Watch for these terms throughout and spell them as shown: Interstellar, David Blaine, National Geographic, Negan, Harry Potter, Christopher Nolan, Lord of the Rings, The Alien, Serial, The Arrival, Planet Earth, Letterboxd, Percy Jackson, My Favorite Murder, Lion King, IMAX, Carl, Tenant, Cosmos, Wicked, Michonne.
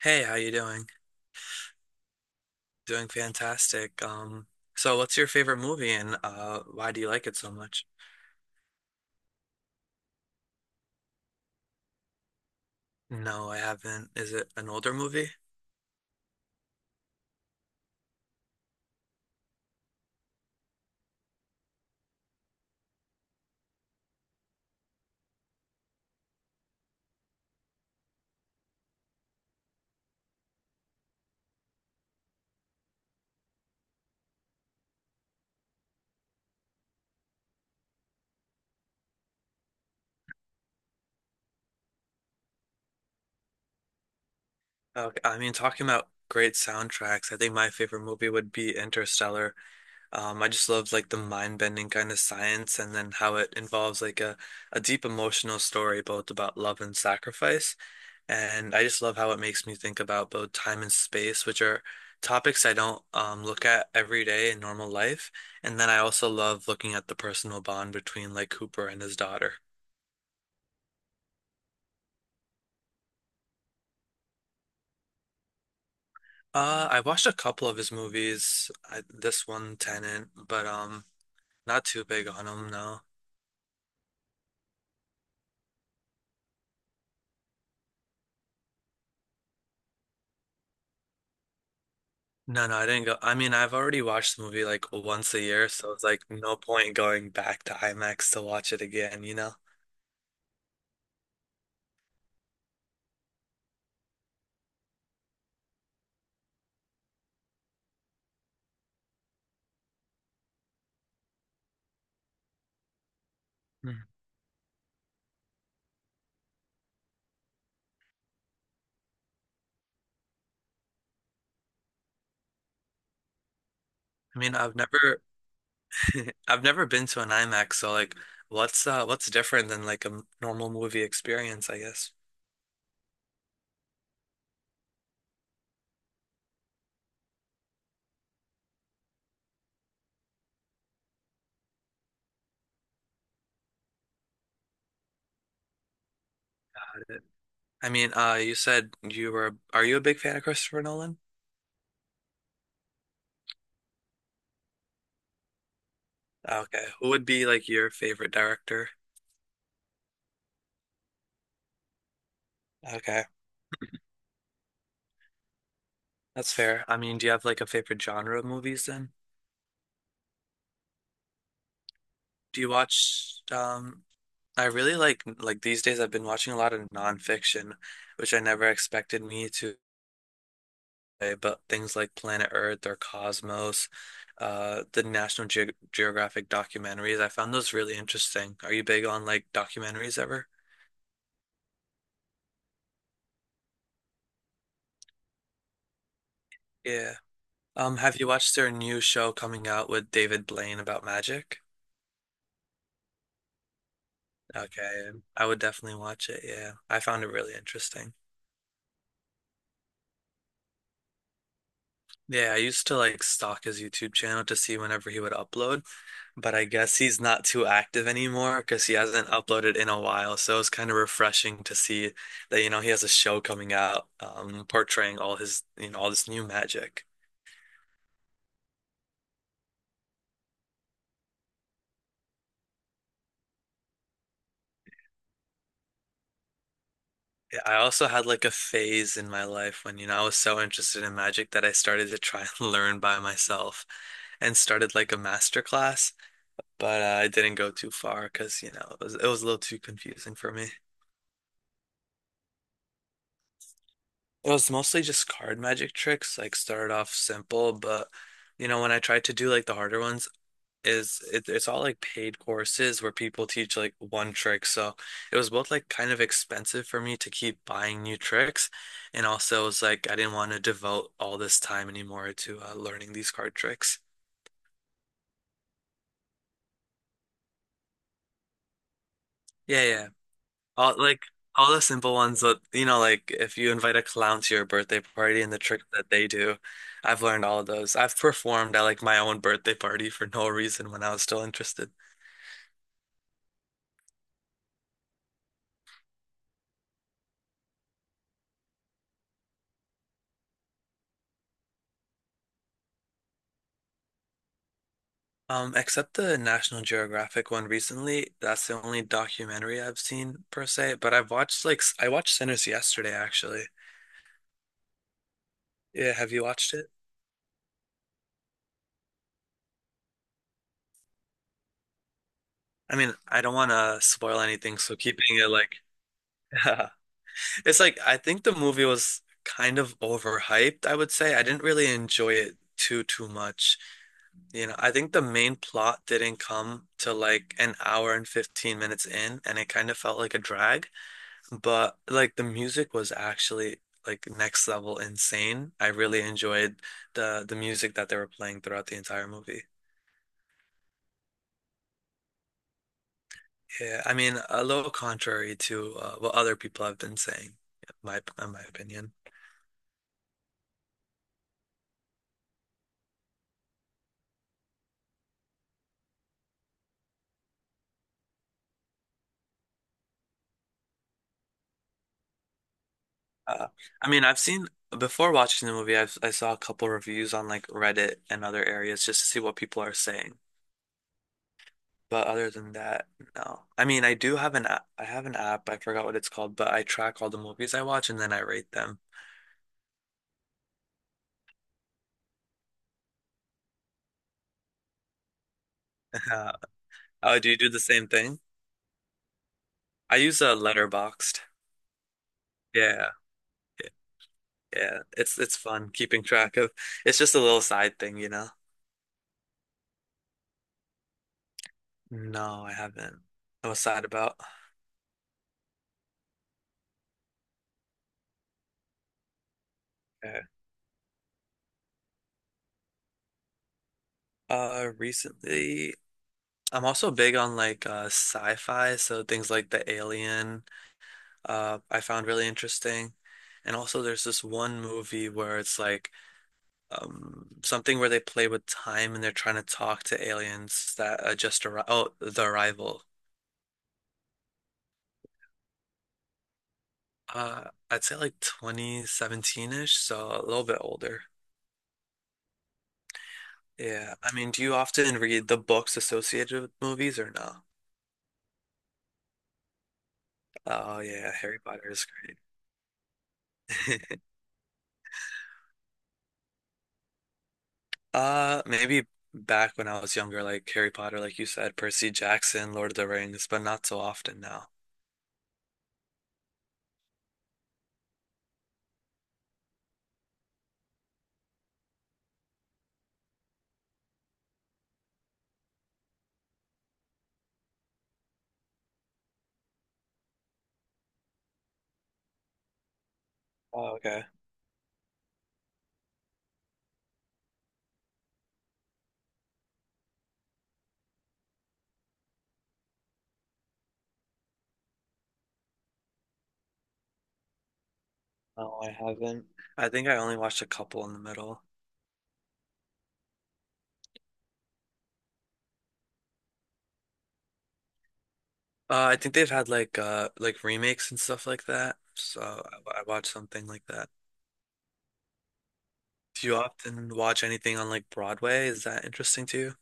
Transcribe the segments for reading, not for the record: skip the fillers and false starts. Hey, how you doing? Doing fantastic. So what's your favorite movie and why do you like it so much? No, I haven't. Is it an older movie? Okay, I mean, talking about great soundtracks, I think my favorite movie would be Interstellar. I just love like the mind-bending kind of science and then how it involves like a deep emotional story both about love and sacrifice. And I just love how it makes me think about both time and space, which are topics I don't look at every day in normal life. And then I also love looking at the personal bond between like Cooper and his daughter. I watched a couple of his movies. I, this one, Tenant, but not too big on him, no. No, no, I didn't go. I mean, I've already watched the movie like once a year, so it's like no point going back to IMAX to watch it again, you know? Mm. I mean, I've never I've never been to an IMAX, so like, what's different than like a normal movie experience, I guess. I mean, you said you were. Are you a big fan of Christopher Nolan? Ah, okay, who would be like your favorite director? Okay, that's fair. I mean, do you have like a favorite genre of movies then? Do you watch? I really like these days. I've been watching a lot of nonfiction, which I never expected me to. Way, but things like Planet Earth or Cosmos, the National Ge Geographic documentaries, I found those really interesting. Are you big on like documentaries ever? Yeah. Have you watched their new show coming out with David Blaine about magic? Okay, I would definitely watch it. Yeah, I found it really interesting. Yeah, I used to like stalk his YouTube channel to see whenever he would upload, but I guess he's not too active anymore because he hasn't uploaded in a while. So it's kind of refreshing to see that, you know, he has a show coming out, portraying all his, you know, all this new magic. Yeah, I also had like a phase in my life when, you know, I was so interested in magic that I started to try and learn by myself and started like a master class, but I didn't go too far because, you know, it was a little too confusing for me. It was mostly just card magic tricks, like started off simple, but you know, when I tried to do like the harder ones, it's all like paid courses where people teach like one trick. So it was both like kind of expensive for me to keep buying new tricks, and also it was like I didn't want to devote all this time anymore to learning these card tricks. Yeah, yeah. All like all the simple ones that you know, like if you invite a clown to your birthday party and the tricks that they do, I've learned all of those. I've performed at like my own birthday party for no reason when I was still interested. Except the National Geographic one recently. That's the only documentary I've seen per se, but I've watched like I watched Sinners yesterday actually. Yeah, have you watched it? I mean, I don't want to spoil anything, so keeping it like It's like I think the movie was kind of overhyped, I would say. I didn't really enjoy it too much. You know, I think the main plot didn't come to like an hour and 15 minutes in, and it kind of felt like a drag. But like the music was actually like next level insane. I really enjoyed the music that they were playing throughout the entire movie. Yeah, I mean, a little contrary to what other people have been saying, in my opinion. Uh, I mean, I've seen before watching the movie, I saw a couple reviews on like Reddit and other areas just to see what people are saying. But other than that, no. I mean, I do have an app. I have an app. I forgot what it's called, but I track all the movies I watch and then I rate them. Oh, do you do the same thing? I use a Letterboxd. Yeah, yeah, yeah. It's fun keeping track of. It's just a little side thing, you know. No, I haven't. What's that about? Okay. Recently. I'm also big on like sci-fi, so things like The Alien, I found really interesting. And also, there's this one movie where it's like something where they play with time and they're trying to talk to aliens that just arrived. Oh, The Arrival. Uh, I'd say like 2017-ish, so a little bit older. Yeah, I mean, do you often read the books associated with movies or no? Oh yeah, Harry Potter is great. Maybe back when I was younger, like Harry Potter, like you said, Percy Jackson, Lord of the Rings, but not so often now. Oh, okay. No, I haven't. I think I only watched a couple in the middle. I think they've had like remakes and stuff like that. So I watched something like that. Do you often watch anything on like Broadway? Is that interesting to you?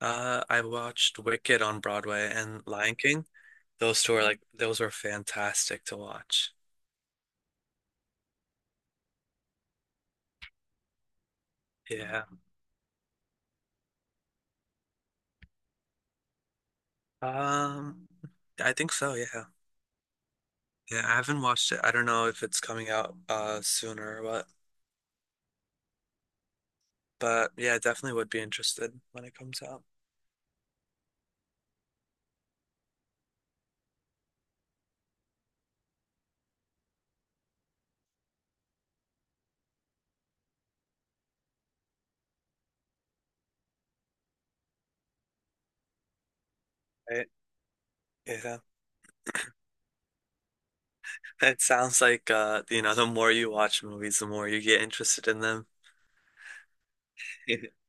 I watched Wicked on Broadway and Lion King. Those two are like those were fantastic to watch. Yeah. Um, I think so, yeah. Yeah, I haven't watched it. I don't know if it's coming out sooner or what, but yeah, I definitely would be interested when it comes out. Right? Yeah. It sounds like you know, the more you watch movies, the more you get interested in them.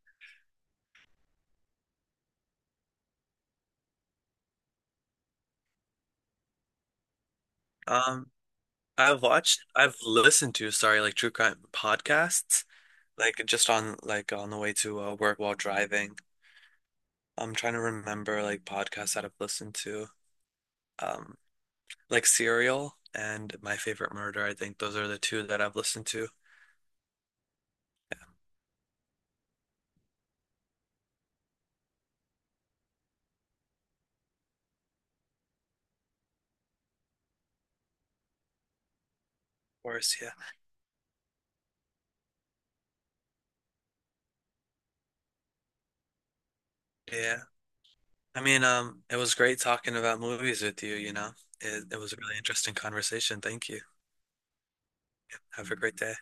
Um, I've watched, I've listened to, sorry, like true crime podcasts, like just on like on the way to work while driving. I'm trying to remember like podcasts that I've listened to, um, like Serial and My Favorite Murder. I think those are the two that I've listened to. Of course, yeah. Yeah. I mean, it was great talking about movies with you, you know. It was a really interesting conversation. Thank you. Have a great day.